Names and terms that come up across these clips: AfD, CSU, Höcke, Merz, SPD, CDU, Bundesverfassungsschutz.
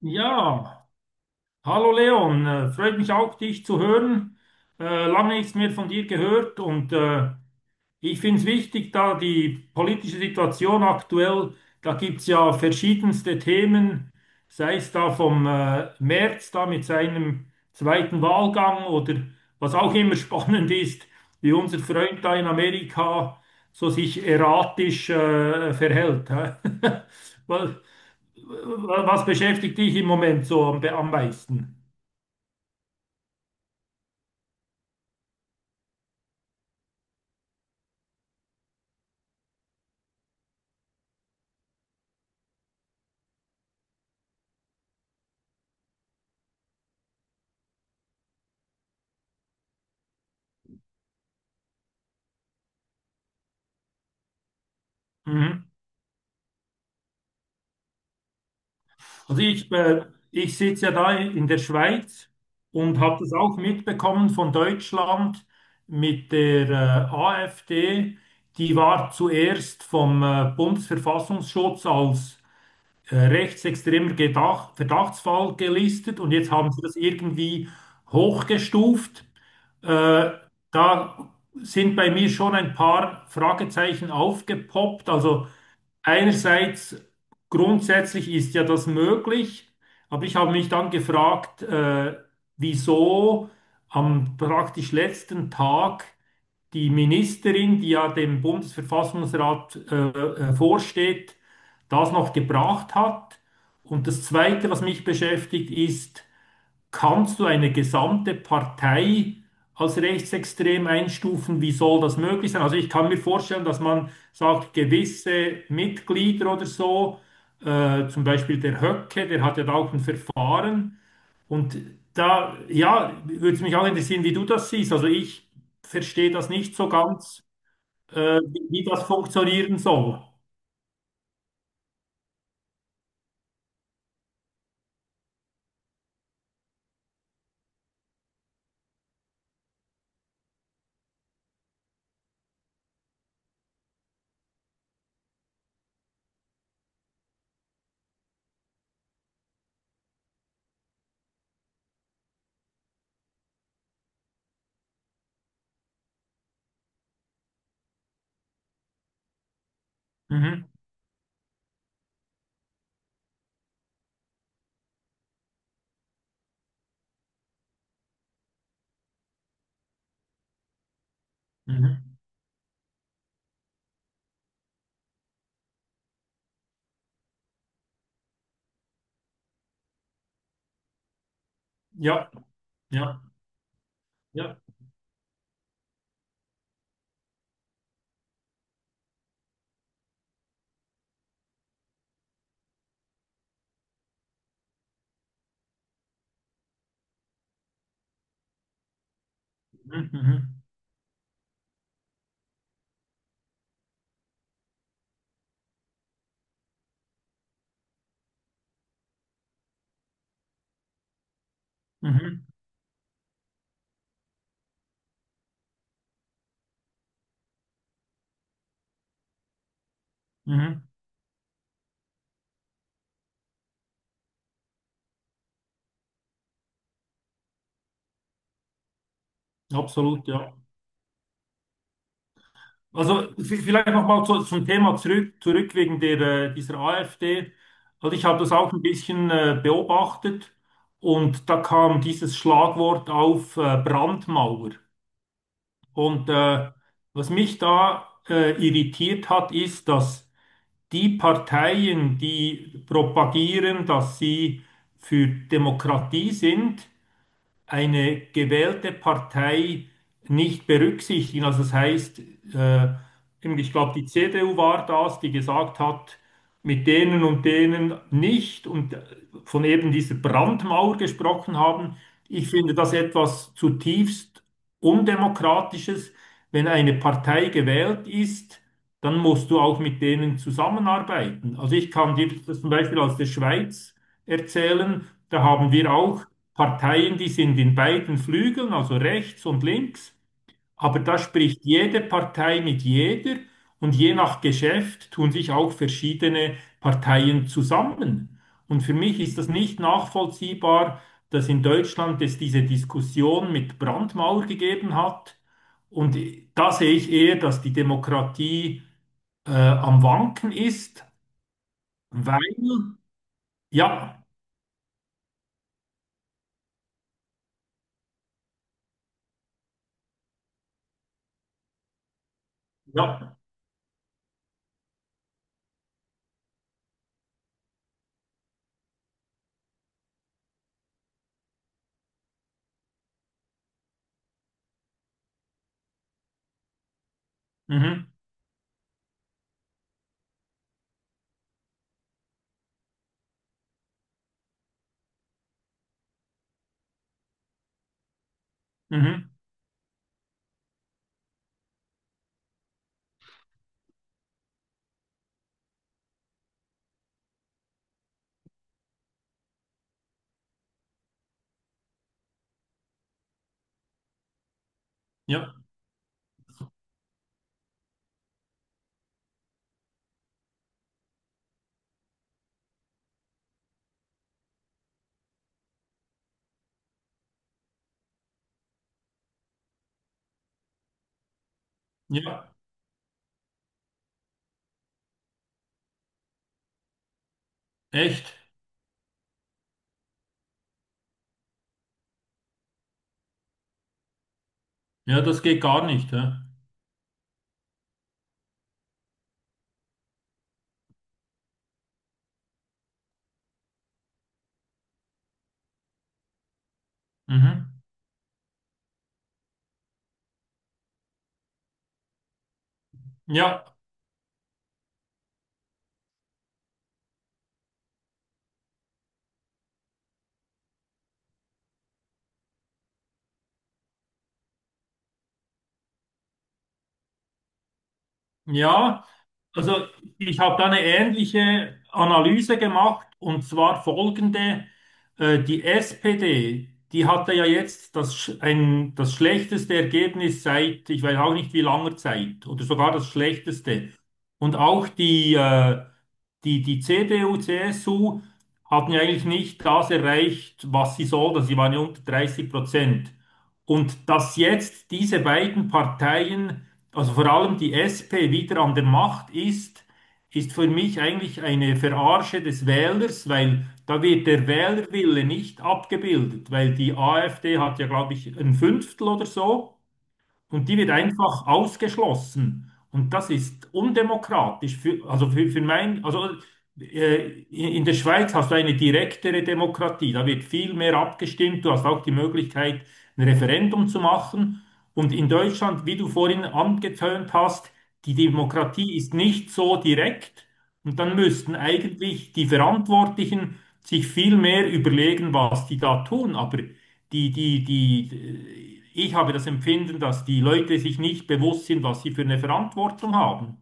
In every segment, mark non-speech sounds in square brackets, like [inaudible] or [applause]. Ja, hallo Leon, freut mich auch, dich zu hören. Lange nichts mehr von dir gehört und ich finde es wichtig, da die politische Situation aktuell, da gibt es ja verschiedenste Themen, sei es da vom Merz da mit seinem zweiten Wahlgang oder was auch immer [laughs] spannend ist, wie unser Freund da in Amerika so sich erratisch verhält. Hä? [laughs] Weil- Was beschäftigt dich im Moment so am meisten? Mhm. Also ich sitze ja da in der Schweiz und habe das auch mitbekommen von Deutschland mit der AfD. Die war zuerst vom Bundesverfassungsschutz als rechtsextremer Gedach Verdachtsfall gelistet und jetzt haben sie das irgendwie hochgestuft. Äh, Da sind bei mir schon ein paar Fragezeichen aufgepoppt. Also einerseits grundsätzlich ist ja das möglich, aber ich habe mich dann gefragt, wieso am praktisch letzten Tag die Ministerin, die ja dem Bundesverfassungsrat vorsteht, das noch gebracht hat. Und das Zweite, was mich beschäftigt, ist: Kannst du eine gesamte Partei als rechtsextrem einstufen? Wie soll das möglich sein? Also ich kann mir vorstellen, dass man sagt, gewisse Mitglieder oder so, zum Beispiel der Höcke, der hat ja da auch ein Verfahren. Und da, ja, würde es mich auch interessieren, wie du das siehst. Also ich verstehe das nicht so ganz, wie das funktionieren soll. Mhm. Mhm. Ja, ja, ja. Mhm. Mhm. Mhm. Mhm. Absolut, ja. Also vielleicht nochmal zum Thema zurück wegen der, dieser AfD. Also ich habe das auch ein bisschen beobachtet und da kam dieses Schlagwort auf Brandmauer. Und was mich da irritiert hat, ist, dass die Parteien, die propagieren, dass sie für Demokratie sind, eine gewählte Partei nicht berücksichtigen. Also das heißt, äh, ich glaube, die CDU war das, die gesagt hat, mit denen und denen nicht, und von eben dieser Brandmauer gesprochen haben. Ich finde das etwas zutiefst Undemokratisches. Wenn eine Partei gewählt ist, dann musst du auch mit denen zusammenarbeiten. Also ich kann dir das zum Beispiel aus der Schweiz erzählen. Da haben wir auch Parteien, die sind in beiden Flügeln, also rechts und links, aber da spricht jede Partei mit jeder, und je nach Geschäft tun sich auch verschiedene Parteien zusammen. Und für mich ist das nicht nachvollziehbar, dass in Deutschland es diese Diskussion mit Brandmauer gegeben hat. Und da sehe ich eher, dass die Demokratie am Wanken ist, weil, ja, ja, mhm, mhm. Ja, ja, echt. Ja, das geht gar nicht. Ja, mhm. Ja, ja. Also ich habe da eine ähnliche Analyse gemacht, und zwar folgende. Die SPD, die hatte ja jetzt das schlechteste Ergebnis seit, ich weiß auch nicht wie langer Zeit, oder sogar das schlechteste. Und auch die CDU, CSU hatten ja eigentlich nicht das erreicht, was sie sollten. Sie waren ja unter 30%. Und dass jetzt diese beiden Parteien, also vor allem die SP, wieder an der Macht ist, ist für mich eigentlich eine Verarsche des Wählers, weil da wird der Wählerwille nicht abgebildet, weil die AfD hat ja, glaube ich, ein Fünftel oder so. Und die wird einfach ausgeschlossen. Und das ist undemokratisch. Für, also für mein, also In der Schweiz hast du eine direktere Demokratie. Da wird viel mehr abgestimmt. Du hast auch die Möglichkeit, ein Referendum zu machen. Und in Deutschland, wie du vorhin angetönt hast, die Demokratie ist nicht so direkt. Und dann müssten eigentlich die Verantwortlichen sich viel mehr überlegen, was die da tun. Aber ich habe das Empfinden, dass die Leute sich nicht bewusst sind, was sie für eine Verantwortung haben.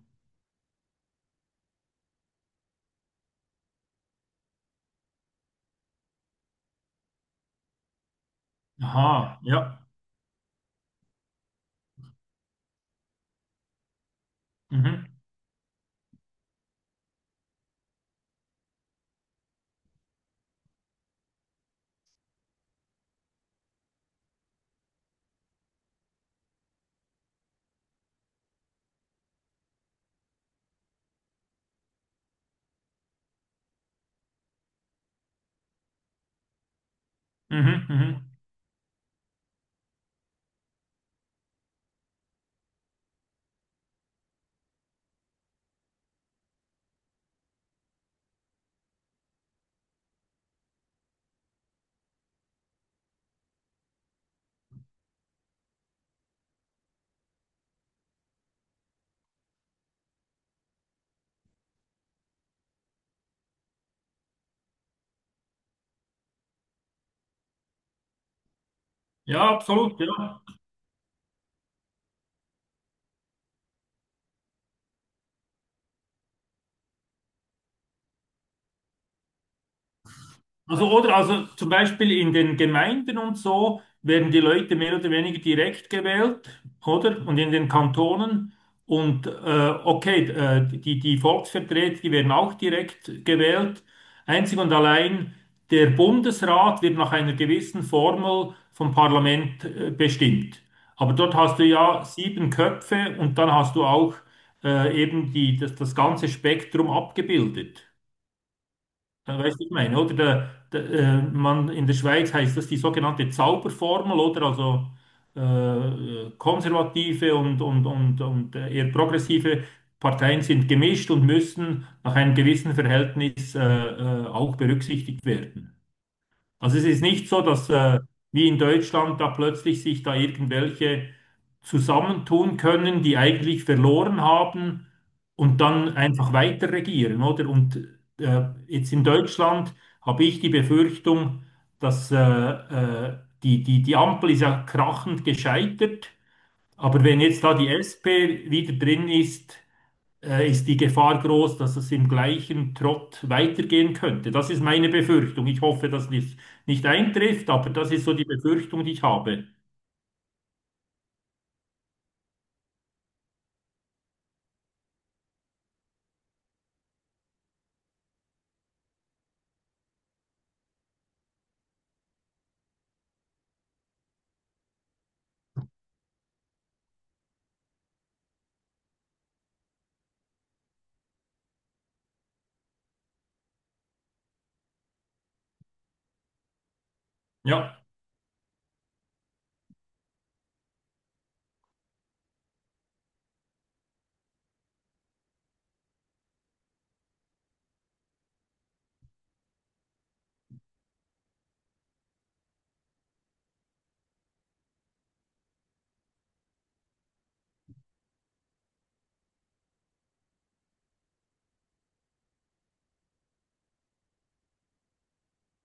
Aha, ja. Mhm, mhm, mhm. Ja, absolut, ja. Also zum Beispiel in den Gemeinden und so werden die Leute mehr oder weniger direkt gewählt, oder? Und in den Kantonen. Und okay, die Volksvertreter, die werden auch direkt gewählt. Einzig und allein der Bundesrat wird nach einer gewissen Formel vom Parlament bestimmt. Aber dort hast du ja sieben Köpfe, und dann hast du auch eben das ganze Spektrum abgebildet. Ja, weißt du, ich meine, oder? Der, in der Schweiz heißt das die sogenannte Zauberformel, oder? Also konservative und eher progressive Parteien sind gemischt und müssen nach einem gewissen Verhältnis auch berücksichtigt werden. Also es ist nicht so, dass wie in Deutschland da plötzlich sich da irgendwelche zusammentun können, die eigentlich verloren haben und dann einfach weiter regieren, oder? Und jetzt in Deutschland habe ich die Befürchtung, dass die Ampel ist ja krachend gescheitert, aber wenn jetzt da die SP wieder drin ist, ist die Gefahr groß, dass es im gleichen Trott weitergehen könnte. Das ist meine Befürchtung. Ich hoffe, dass dies nicht eintrifft, aber das ist so die Befürchtung, die ich habe. Ja,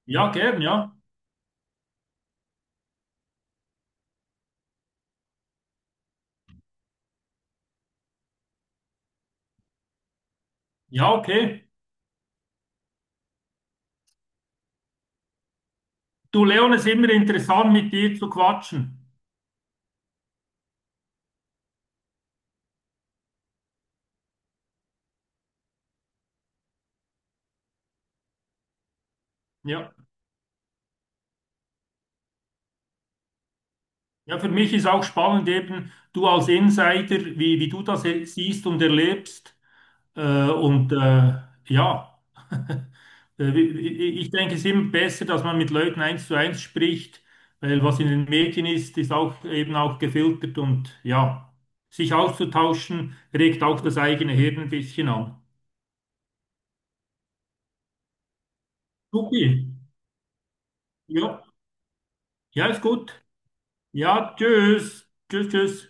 ja, gern, ja. Ja, okay. Du, Leon, es ist immer interessant, mit dir zu quatschen. Ja. Ja, für mich ist auch spannend eben, du als Insider, wie du das siehst und erlebst. Und ja. [laughs] Ich denke, es ist immer besser, dass man mit Leuten eins zu eins spricht, weil was in den Medien ist, ist auch eben auch gefiltert, und ja, sich auszutauschen regt auch das eigene Hirn ein bisschen an. Supi, ja, ja, ist gut. Ja, tschüss, tschüss, tschüss.